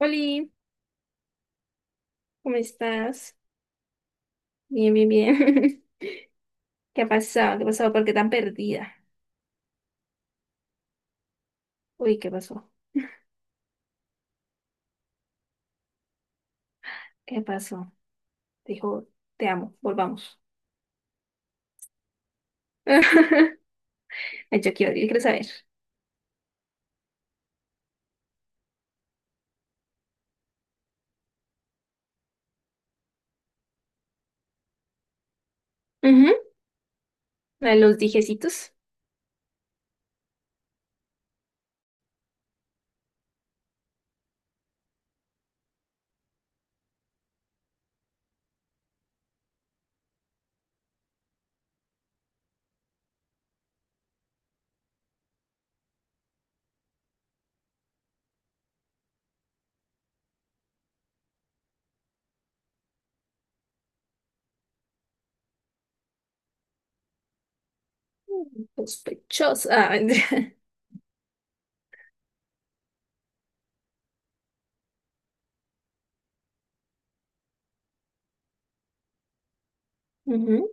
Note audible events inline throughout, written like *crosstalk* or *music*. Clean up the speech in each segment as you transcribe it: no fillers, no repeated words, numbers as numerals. Oli, ¿cómo estás? Bien, bien, bien. *laughs* ¿Qué ha pasado? ¿Qué ha pasado? ¿Por qué tan perdida? Uy, ¿qué pasó? ¿Qué pasó? Dijo, te amo, volvamos. *laughs* Ay, yo quiero, yo quiero saber. Ujú. La de los dijecitos. Sospechosa. *laughs* Ujú.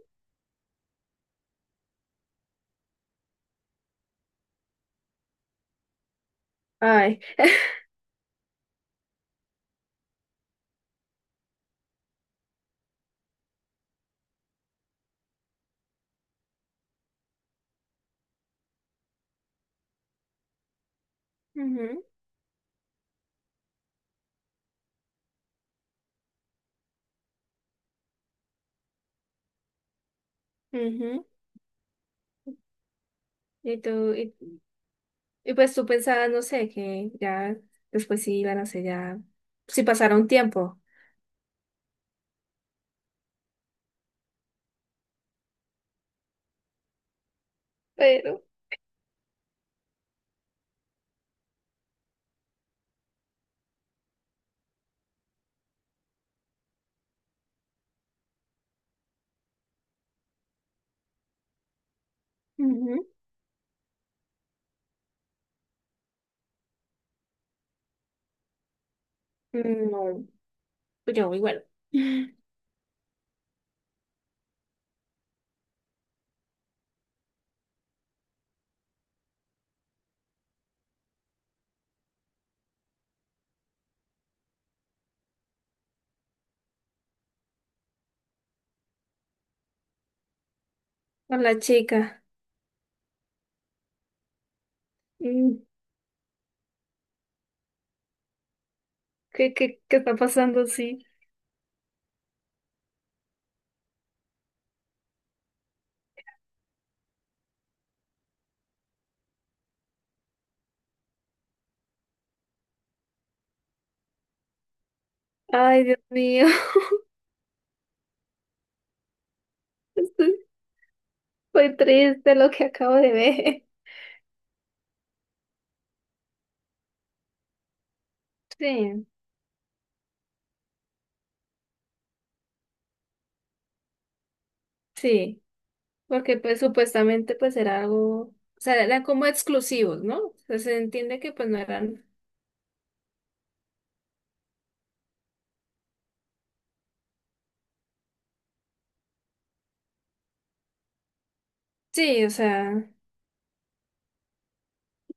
Ay. *laughs* Ujú, ujú. Y tú, y pues tú pensabas, no sé, que ya después sí iban a ser ya, sí pasará un tiempo. Pero, ujú, no, yo igual. *laughs* Con la chica. Mm, ¿Qué, qué, qué está pasando? Sí. Ay, Dios mío. *laughs* Estoy triste lo que acabo de ver. Sí, sí. Porque pues supuestamente pues era algo, o sea, eran como exclusivos, ¿no? O sea, se entiende que pues no eran. Sí, o sea,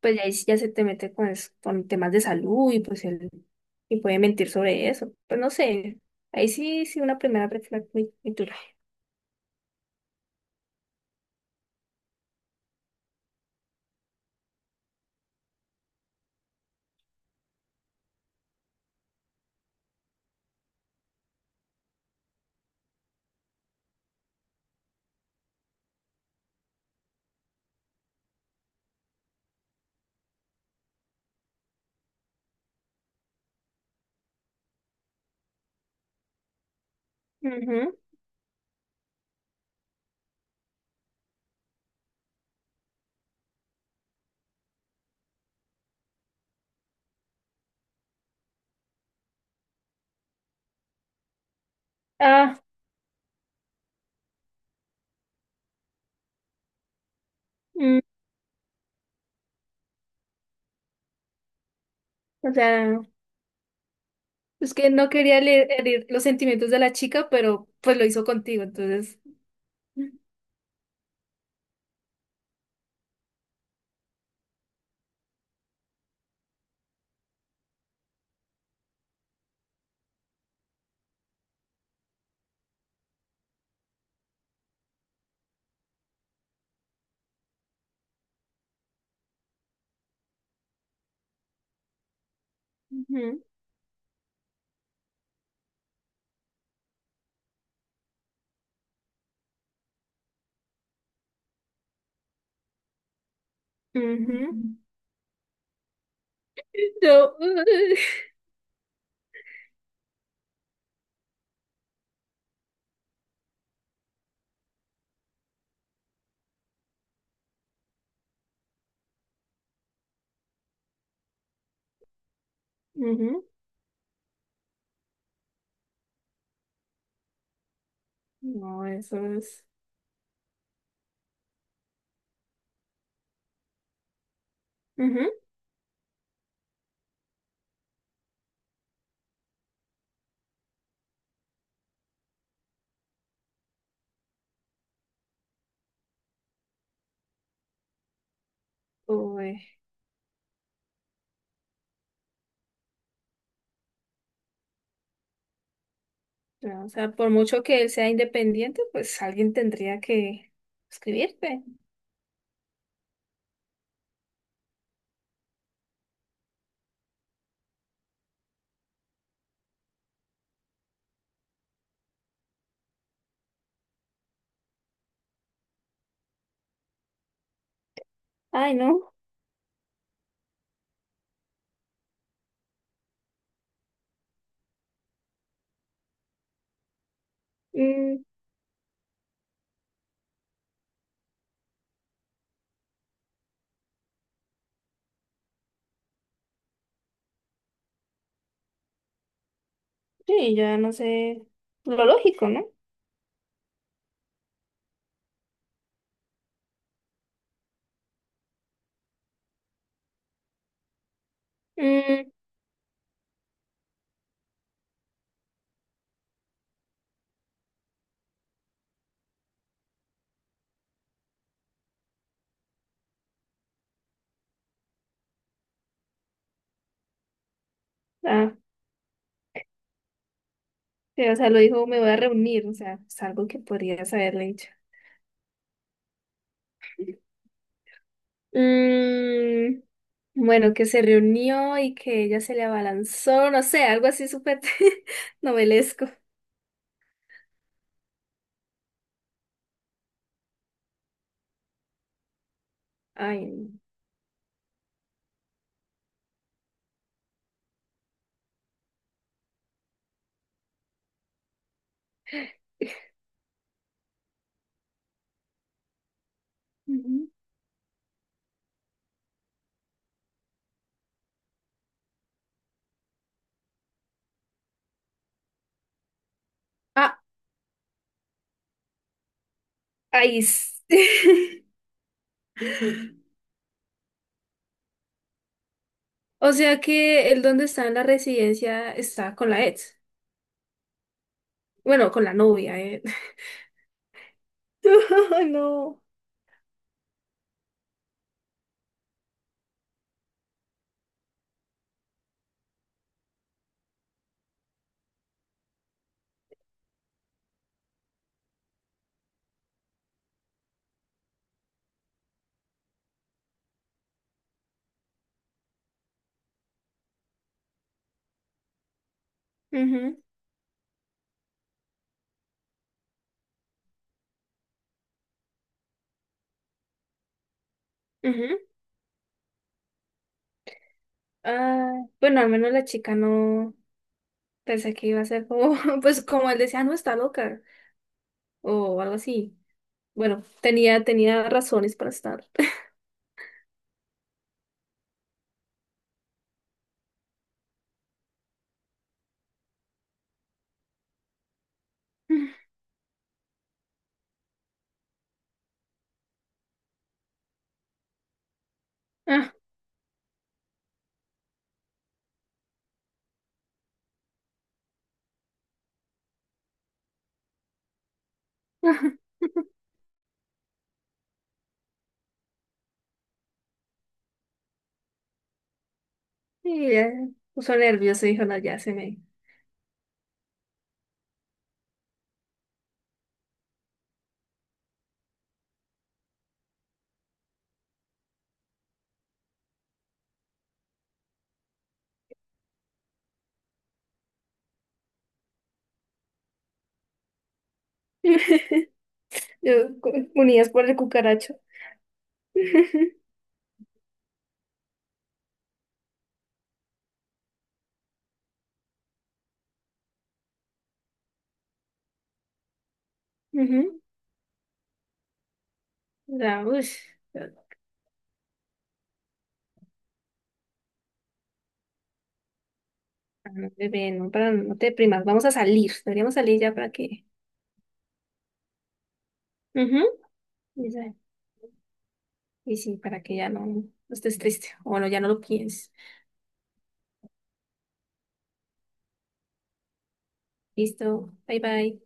pues ya, ahí sí ya se te mete con, es- con temas de salud y pues el, y puede mentir sobre eso. Pues no sé. Ahí sí, sí, una primera red flag muy, muy dura. Ujú. Ah, mm, o sea. Es que no quería le- herir los sentimientos de la chica, pero pues lo hizo contigo, entonces. Ujú, ujú. No. Ujú. No, eso es. Ujú. Uy, no, o sea, por mucho que él sea independiente, pues alguien tendría que escribirte. Ay, no. Mm, sí, ya no sé. Lo lógico, ¿no? Mm, ah, sí, o sea, lo dijo, me voy a reunir, o sea, es algo que podrías haberle dicho. Mm, bueno, que se reunió y que ella se le abalanzó, no sé, algo así súper *laughs* novelesco. Ay, no. Ujú. Ah, ahí. S- *laughs* O sea que el donde está en la residencia está con la ex. Bueno, con la novia, eh. *laughs* Ay, no. Ujú, ujú. Ah, bueno, al menos la chica no pensé que iba a ser como, *laughs* pues como él decía, "Ah, no está loca o algo así". Bueno, tenía, tenía razones para estar. Ah, *laughs* y ya puso nervioso y dijo, no, ya se me... *laughs* Yo, cu- Unidas por el cucaracho. *laughs* Ujú. Ya, ush. Ah, no, bebé, no, para, no te deprimas, vamos a salir, deberíamos salir ya para que... Ujú. Y, ya- y sí, para que ya no, no estés triste, o bueno, ya no lo pienses. Listo, bye bye.